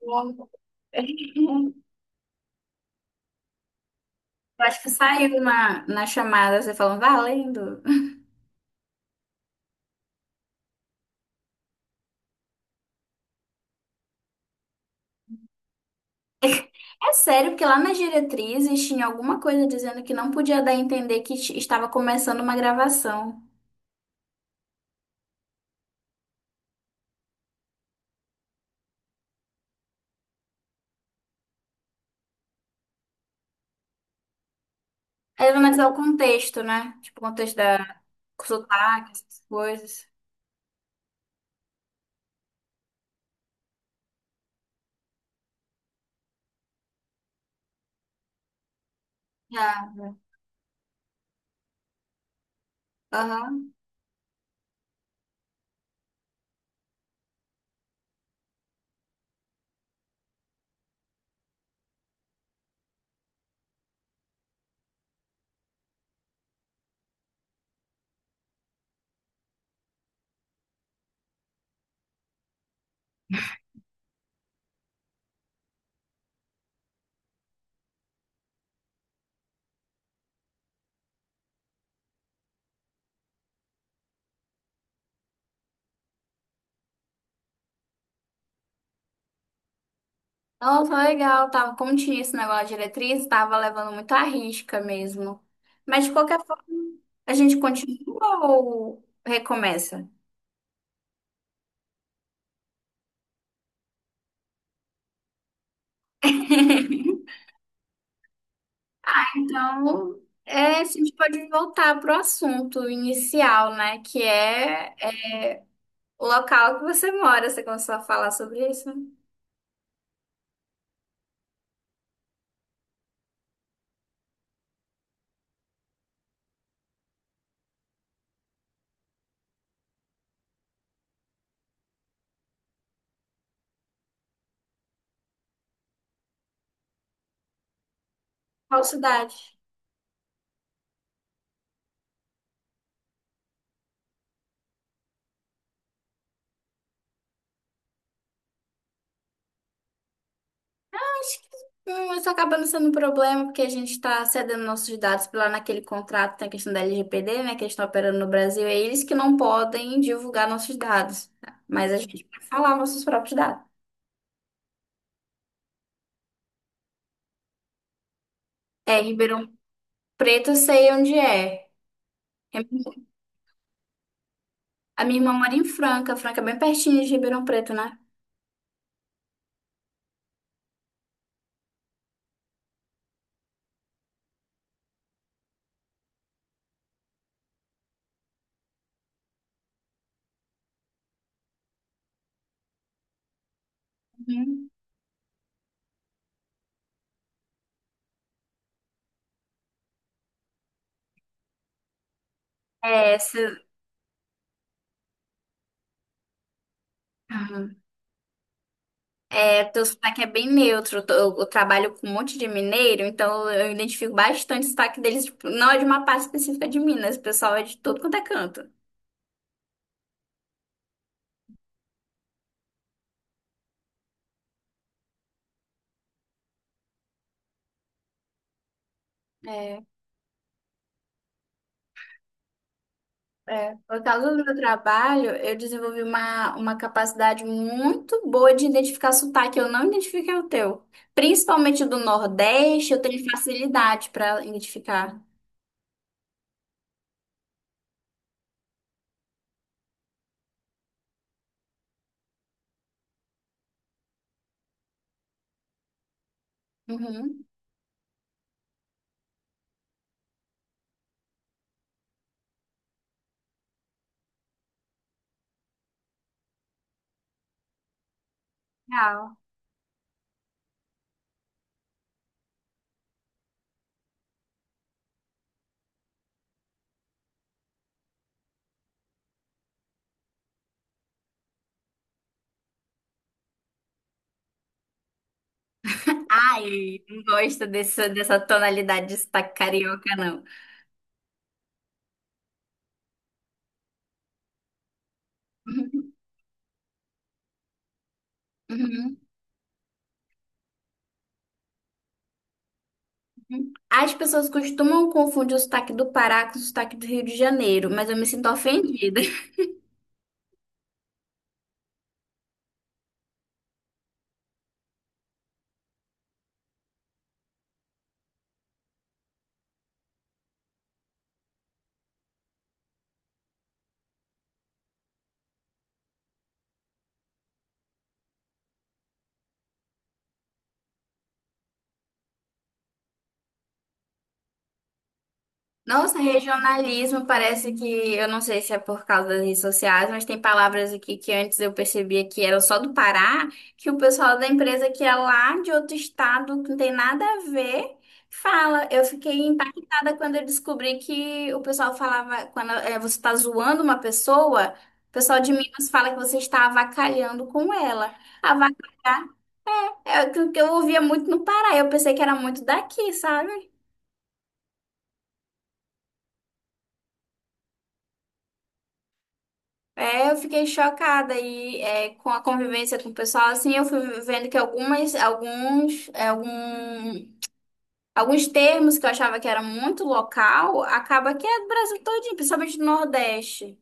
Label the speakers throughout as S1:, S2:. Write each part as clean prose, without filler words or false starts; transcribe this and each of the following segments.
S1: Bom. Eu acho que saiu na chamada, você falando, valendo. É sério, porque lá nas diretrizes tinha alguma coisa dizendo que não podia dar a entender que estava começando uma gravação. Aí vai analisar o contexto, né? Tipo, o contexto da sotaque, essas coisas. Já. Aham. Nossa, legal. Tava, como tinha esse negócio de diretriz, tava levando muito à risca mesmo. Mas de qualquer forma, a gente continua ou recomeça? Então, é, a gente pode voltar para o assunto inicial, né? Que é o local que você mora. Você começou a falar sobre isso, né? Qual cidade? Acho que isso acaba não sendo um problema, porque a gente está cedendo nossos dados lá naquele contrato, tem a questão da LGPD, né? Que eles estão operando no Brasil. É eles que não podem divulgar nossos dados, tá? Mas a gente pode falar nossos próprios dados. É, Ribeirão Preto, eu sei onde é. É- A minha irmã mora em Franca. Franca é bem pertinho de Ribeirão Preto, né? É, se- Uhum. É, teu sotaque é bem neutro. Eu trabalho com um monte de mineiro, então eu identifico bastante o sotaque deles. Tipo, não é de uma parte específica de Minas, o pessoal é de todo quanto é canto. É, é. Por causa do meu trabalho, eu desenvolvi uma capacidade muito boa de identificar sotaque. Eu não identifiquei o teu. Principalmente do Nordeste, eu tenho facilidade para identificar. Uhum. Legal. Ai, não gosto dessa tonalidade de sotaque carioca, não. Uhum, uhum. As pessoas costumam confundir o sotaque do Pará com o sotaque do Rio de Janeiro, mas eu me sinto ofendida. Nossa, regionalismo parece que, eu não sei se é por causa das redes sociais, mas tem palavras aqui que antes eu percebia que eram só do Pará, que o pessoal da empresa que é lá de outro estado, que não tem nada a ver, fala. Eu fiquei impactada quando eu descobri que o pessoal falava, quando você está zoando uma pessoa, o pessoal de Minas fala que você está avacalhando com ela. Avacalhar é o que eu ouvia muito no Pará, eu pensei que era muito daqui, sabe? É, eu fiquei chocada e é, com a convivência com o pessoal, assim, eu fui vendo que algumas, alguns, é, algum, alguns termos que eu achava que era muito local, acaba que é do Brasil todinho, principalmente do Nordeste.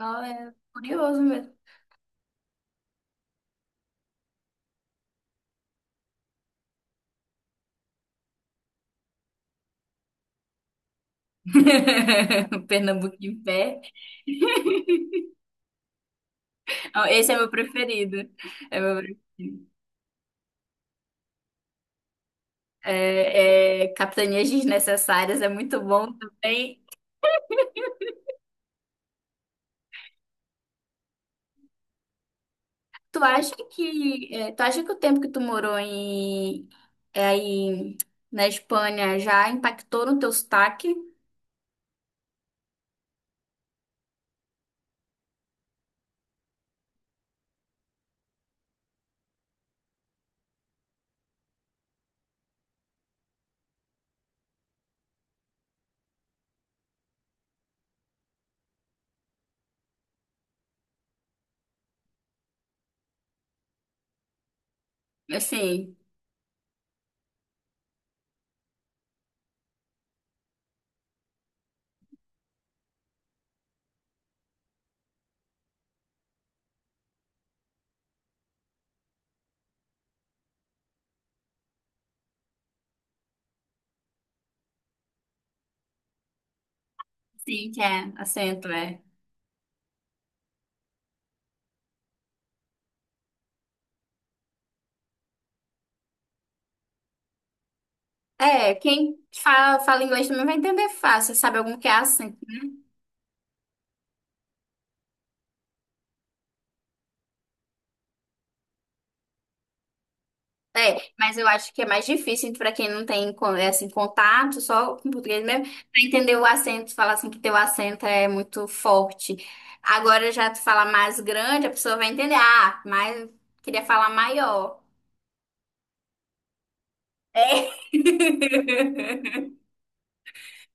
S1: Ó, é curioso mesmo. O Pernambuco em pé. Ó, esse é meu preferido. É meu preferido. É, é, Capitanias Desnecessárias é muito bom também. Tu acha que o tempo que tu morou em, é, aí na Espanha já impactou no teu sotaque? Assim, sim, que é acento, é. É, quem fala, fala inglês também vai entender fácil, sabe algum que é acento. É, mas eu acho que é mais difícil para quem não tem é, assim, contato, só com português mesmo, para entender o acento, falar assim que teu acento é muito forte. Agora já tu fala mais grande, a pessoa vai entender, ah, mas queria falar maior. É.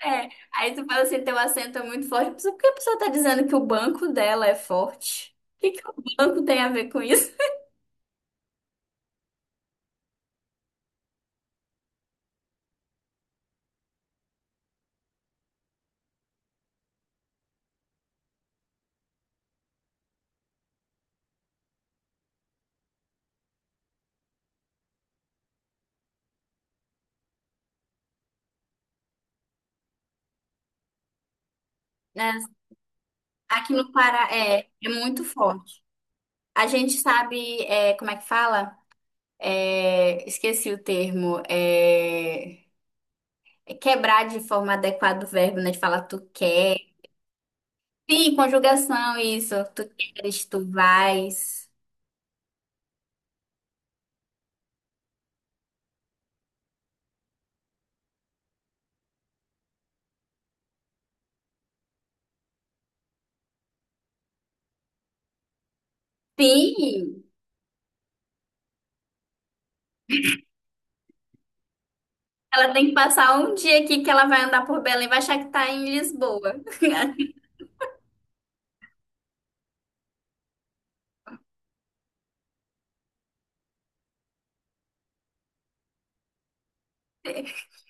S1: É. Aí tu fala assim, teu acento é muito forte. Mas por que a pessoa tá dizendo que o banco dela é forte? O que que o banco tem a ver com isso? Né? Aqui no Pará é, é muito forte. A gente sabe, é, como é que fala? É, esqueci o termo. É, é quebrar de forma adequada o verbo, né? De falar tu quer. Sim, conjugação, isso. Tu queres, tu vais. Sim. Ela tem que passar um dia aqui que ela vai andar por Belém, vai achar que tá em Lisboa.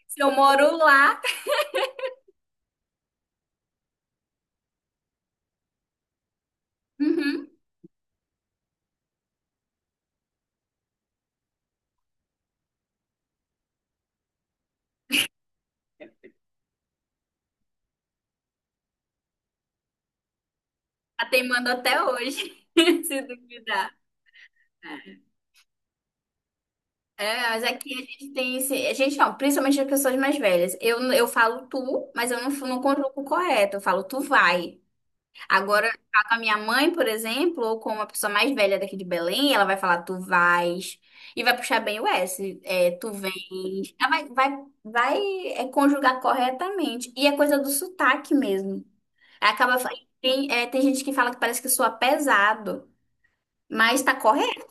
S1: Se eu moro lá, uhum, tá teimando até hoje, se duvidar. É, mas aqui a gente tem esse. A gente não, principalmente as pessoas mais velhas. Eu falo tu, mas eu não conjugo correto. Eu falo tu vai. Agora, ficar com a minha mãe, por exemplo, ou com uma pessoa mais velha daqui de Belém, ela vai falar, tu vais, e vai puxar bem o S, é, tu vens. Ela vai é, conjugar corretamente. E é coisa do sotaque mesmo. Acaba, fa- tem, é, tem gente que fala que parece que soa pesado, mas tá correto.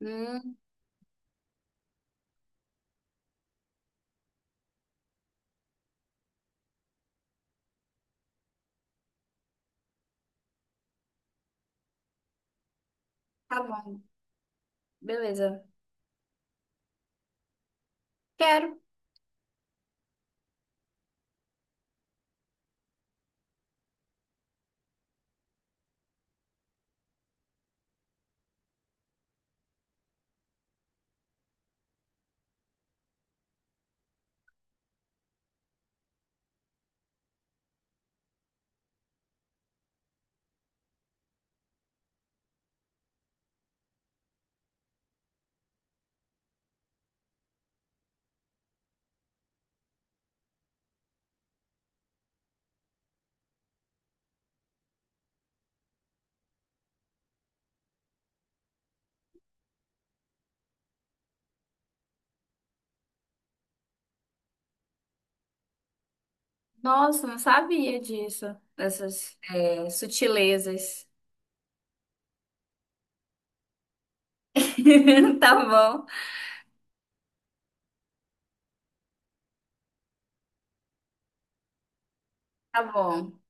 S1: Hum, tá bom, beleza. Quero. Nossa, não sabia disso, dessas, é, sutilezas. Tá bom, tá bom.